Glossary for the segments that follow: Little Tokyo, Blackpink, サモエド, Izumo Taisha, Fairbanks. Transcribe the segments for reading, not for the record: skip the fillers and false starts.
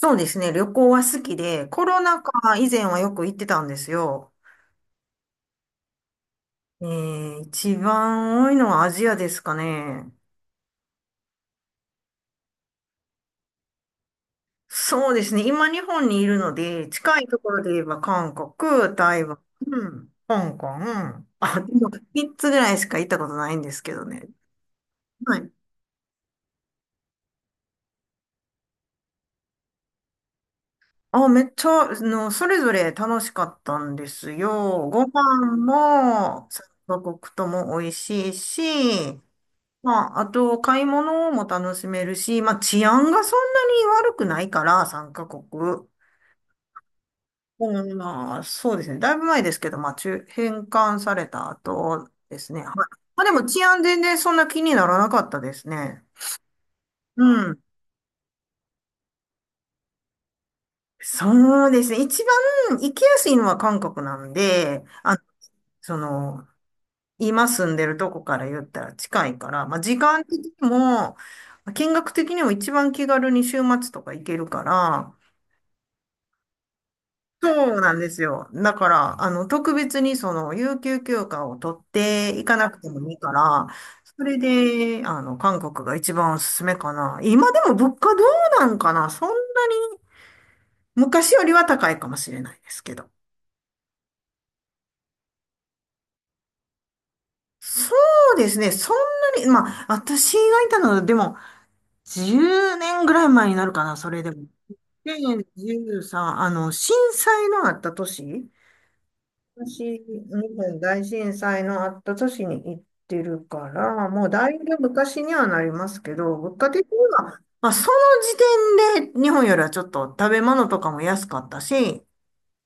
そうですね。旅行は好きで、コロナ禍以前はよく行ってたんですよ。一番多いのはアジアですかね。そうですね。今日本にいるので、近いところで言えば韓国、台湾、香港、あ、でも3つぐらいしか行ったことないんですけどね。はい。あ、めっちゃ、それぞれ楽しかったんですよ。ご飯も、3カ国とも美味しいし、まあ、あと、買い物も楽しめるし、まあ、治安がそんなに悪くないから、3カ国。うん、まあ、そうですね。だいぶ前ですけど、まあ、返還された後ですね。はい。まあ、でも治安全然そんな気にならなかったですね。うん。そうですね。一番行きやすいのは韓国なんで、あ、その、今住んでるとこから言ったら近いから、まあ、時間的にも、見学的にも一番気軽に週末とか行けるから、そうなんですよ。だから、特別に有給休暇を取っていかなくてもいいから、それで、韓国が一番おすすめかな。今でも物価どうなんかな昔よりは高いかもしれないですけど。そうですね。そんなに、まあ、私がいたのは、でも、10年ぐらい前になるかな、それでも。で、13、震災のあった年私、日本大震災のあった年に行ってるから、もうだいぶ昔にはなりますけど、物価的には、まあ、その時点で日本よりはちょっと食べ物とかも安かったし、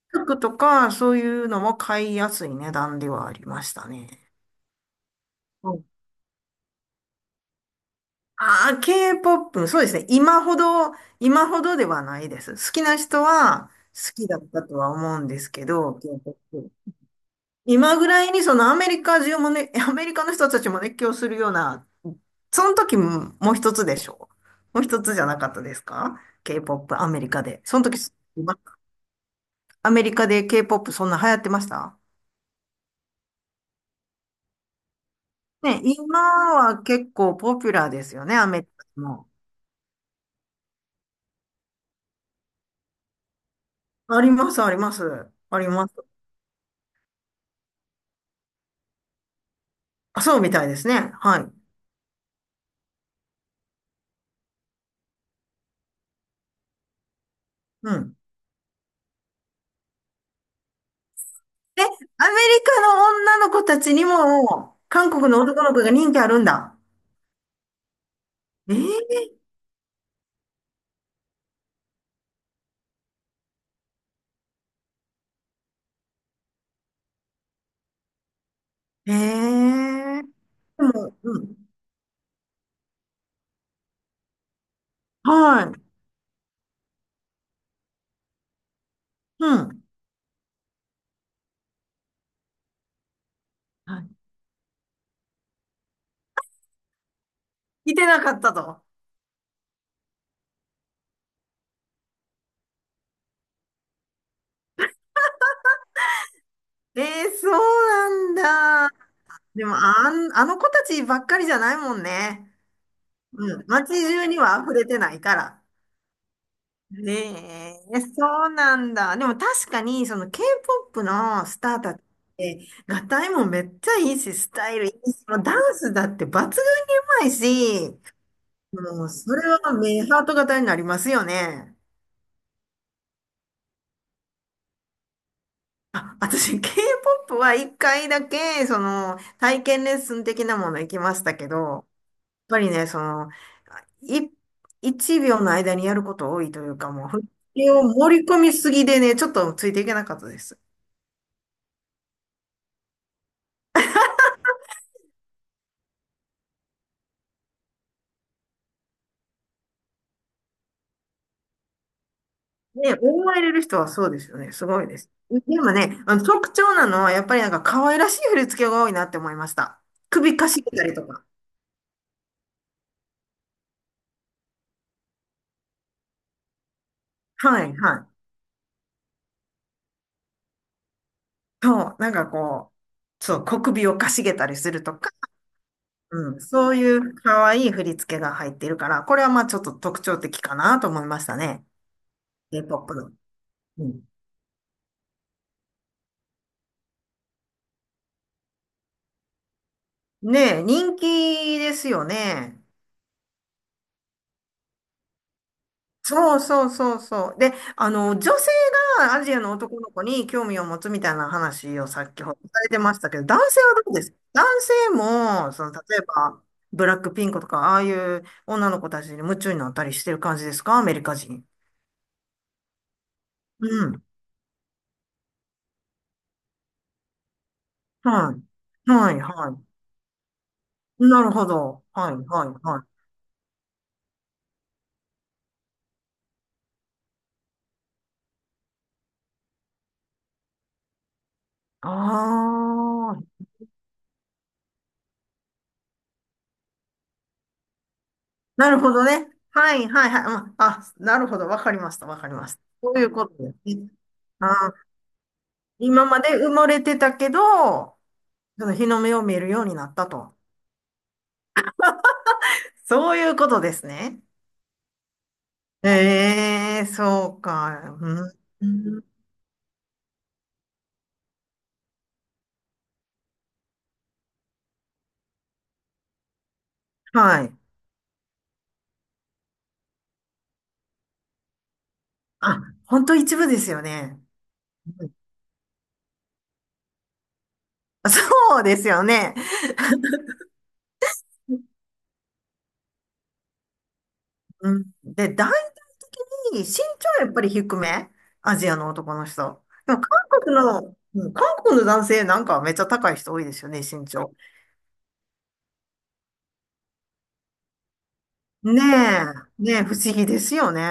服とかそういうのも買いやすい値段ではありましたね。うんああ、K-POP、そうですね。今ほどではないです。好きな人は好きだったとは思うんですけど、k ポップ今ぐらいにアメリカ中もね、アメリカの人たちも熱狂するような、その時ももう一つでしょう。もう一つじゃなかったですか？ K-POP アメリカで。その時、アメリカで K-POP そんな流行ってましたね、今は結構ポピュラーですよね、アメリカも。あります、あります。あります。あ、そうみたいですね。はい。うん。え、アメリカの女の子たちにも、韓国の男の子が人気あるんだ。えー、えー、でも、うん。はい。うん。はい来てなかったと。えー、そうなんだ。でも、あの子たちばっかりじゃないもんね。うん。街中には溢れてないから。ねえ、そうなんだ。でも確かに、その K-POP のスターたちって、合いもめっちゃいいし、スタイルいいし、もうダンスだって抜群にうまいし、もう、それは目ハート型になりますよね。あ、私、K-POP は一回だけ、体験レッスン的なもの行きましたけど、やっぱりね、い、一秒の間にやること多いというか、もう、振りを盛り込みすぎでね、ちょっとついていけなかったです。ね、思われる人はそうですよね。すごいです。でもね、あの特徴なのは、やっぱりなんか可愛らしい振り付けが多いなって思いました。首かしげたりとか。はい、はい。そう、なんかこう、そう、小首をかしげたりするとか、うん、そういう可愛い振り付けが入っているから、これはまあちょっと特徴的かなと思いましたね。K-POP の。うん。ねえ、人気ですよね。そうそうそうそう。で、女性がアジアの男の子に興味を持つみたいな話を先ほどされてましたけど、男性はどうですか？男性も、例えば、ブラックピンクとか、ああいう女の子たちに夢中になったりしてる感じですか？アメリカ人。うん。はい。はい、はい。なるほど。はい、はい、はい。ああ、なるほどね。はいはいはい。うんあ、なるほど。わかりました。わかりました。そういうことですね。あー、今まで埋もれてたけど、その日の目を見えるようになったと。そういうことですね。ええ、そうか。うん、はい。あ、本当一部ですよね。うんそうですよね。うん、で、身長はやっぱり低めアジアの男の人。でも韓国の男性なんかはめっちゃ高い人多いですよね、身長。ねえ、ねえ、不思議ですよね。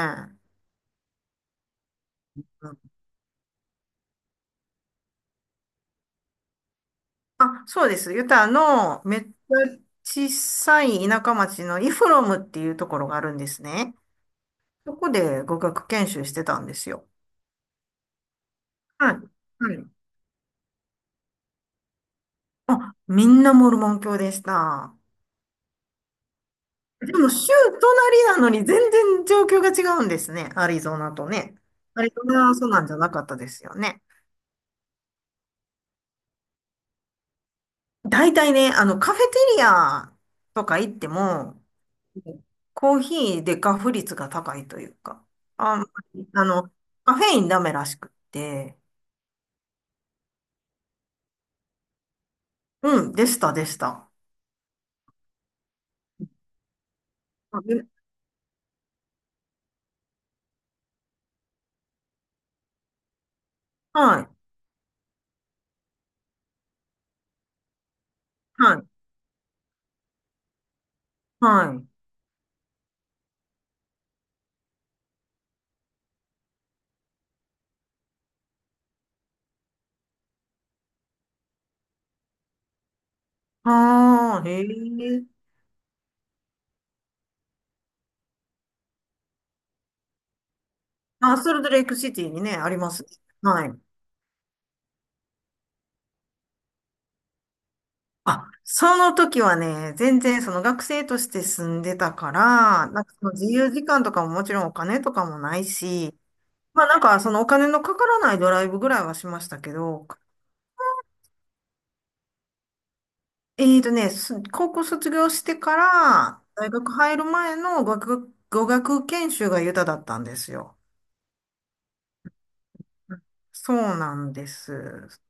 うんあ、そうです。ユタのめっちゃ小さい田舎町のイフロムっていうところがあるんですね。そこで語学研修してたんですよ。はい。はい。あ、みんなモルモン教でした。でも州隣なのに全然状況が違うんですね。アリゾナとね。アリゾナはそうなんじゃなかったですよね。大体ね、カフェテリアとか行っても、コーヒーでガフ率が高いというか、あんまり、カフェインダメらしくって、うん、でした、でした。あではい、はい、はい。ああ、へえ。あ、ソルトレイクシティにね、あります。はい。あ、その時はね、全然その学生として住んでたから、なんかその自由時間とかももちろんお金とかもないし、まあなんかそのお金のかからないドライブぐらいはしましたけど、高校卒業してから、大学入る前の語学研修がユタだったんですよ。そうなんです。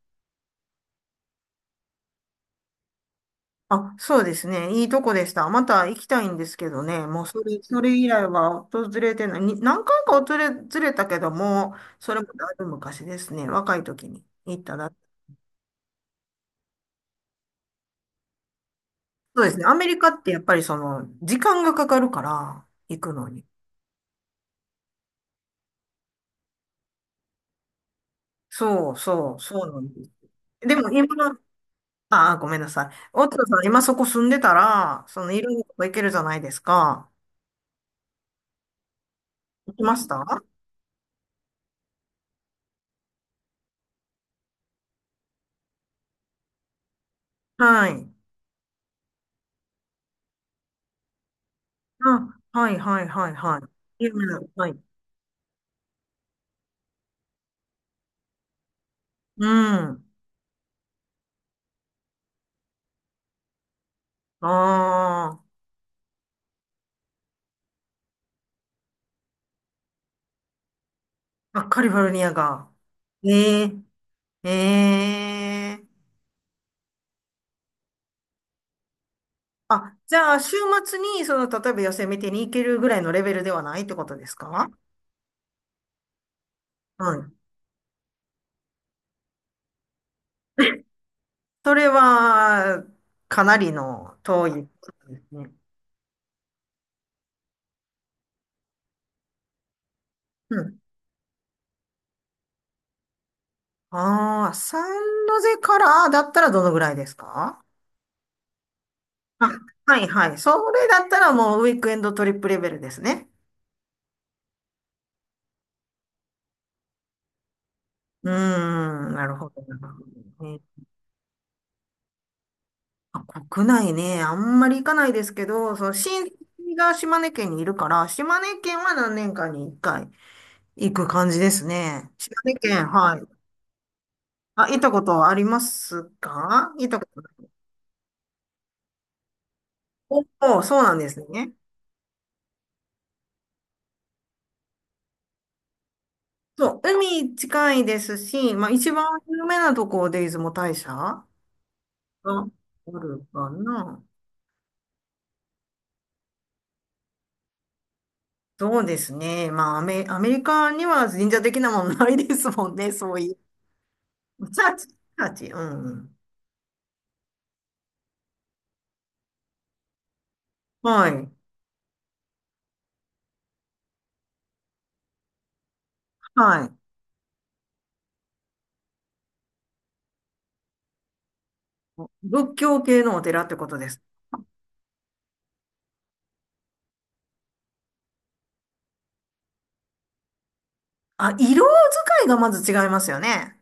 あ、そうですね。いいとこでした。また行きたいんですけどね。もうそれ以来は訪れてない。に何回か訪れ、ずれたけども、それもだいぶ昔ですね。若い時に行っただ。そうですね。アメリカってやっぱり時間がかかるから、行くのに。そうそう、そうなんです。でも今の、ああ、ごめんなさい。大田さん、今そこ住んでたら、いろんなとこ行けるじゃないですか。行きましたはい。あ、はい、はい、はい、はい。有名なはい。うん。ああ、あ、カリフォルニアが。ええ、ええ。あ、じゃあ、週末に、例えばヨセ見てに行けるぐらいのレベルではないってことですか？うん、それは、かなりの遠いことですね。うん。ああ、サンノゼからだったらどのぐらいですか？あ、はいはい。それだったらもうウィークエンドトリップレベルですね。うーん、なるほど。あ国内ね、あんまり行かないですけど、その親戚が島根県にいるから、島根県は何年かに一回行く感じですね。島根県、はい。あ、行ったことありますか？行ったこと。おお、そうなんですね。そう、海近いですし、まあ一番有名なとこで出雲大社があるかな。そうですね。まあアメリカには神社的なものないですもんね、そういう。チャーチ、チャーチ、うん。はい。はい。仏教系のお寺ってことです。あ、色使いがまず違いますよね。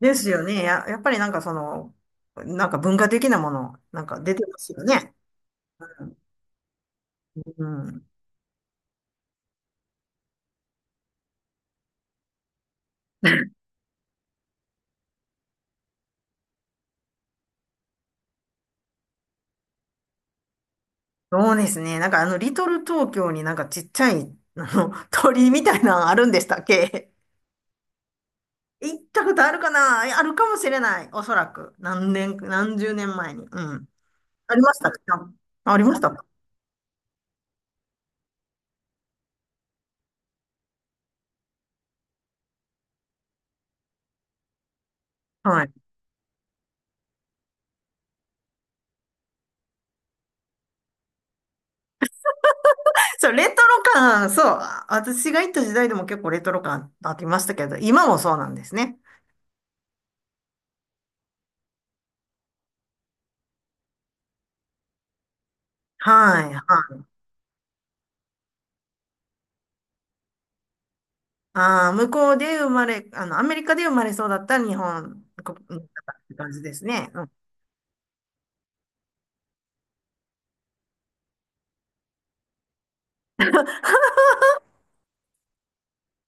ですよね。やっぱりなんかなんか文化的なもの、なんか出てますよね。うん。そうですね。なんかリトル東京になんかちっちゃい、鳥居みたいなのあるんでしたっけ？行ったことあるかなあるかもしれない。おそらく。何年、何十年前に。うん。ありましたか？ありましたか？はい。そう、レトロ感、そう、私が行った時代でも結構レトロ感ありましたけど、今もそうなんですね。はい、はい。ああ、向こうで生まれ、アメリカで生まれそうだった日本国の方って感じですね。うん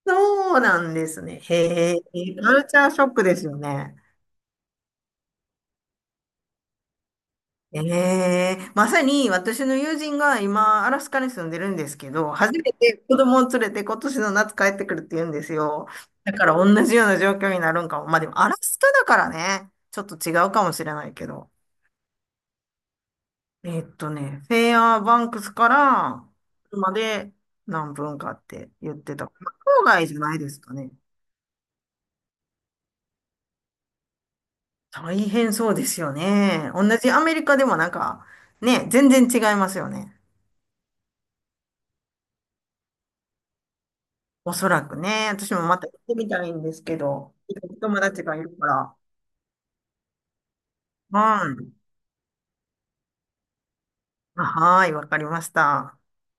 そうなんですね。へえ、カルチャーショックですよね。ええまさに私の友人が今、アラスカに住んでるんですけど、初めて子供を連れて今年の夏帰ってくるって言うんですよ。だから同じような状況になるんかも。まあでもアラスカだからね、ちょっと違うかもしれないけど。フェアバンクスから車で何分かって言ってた。まあ郊外じゃないですかね。大変そうですよね。同じアメリカでもなんか、ね、全然違いますよね。おそらくね、私もまた行ってみたいんですけど、友達がいるから。はい。あはい、わかりました。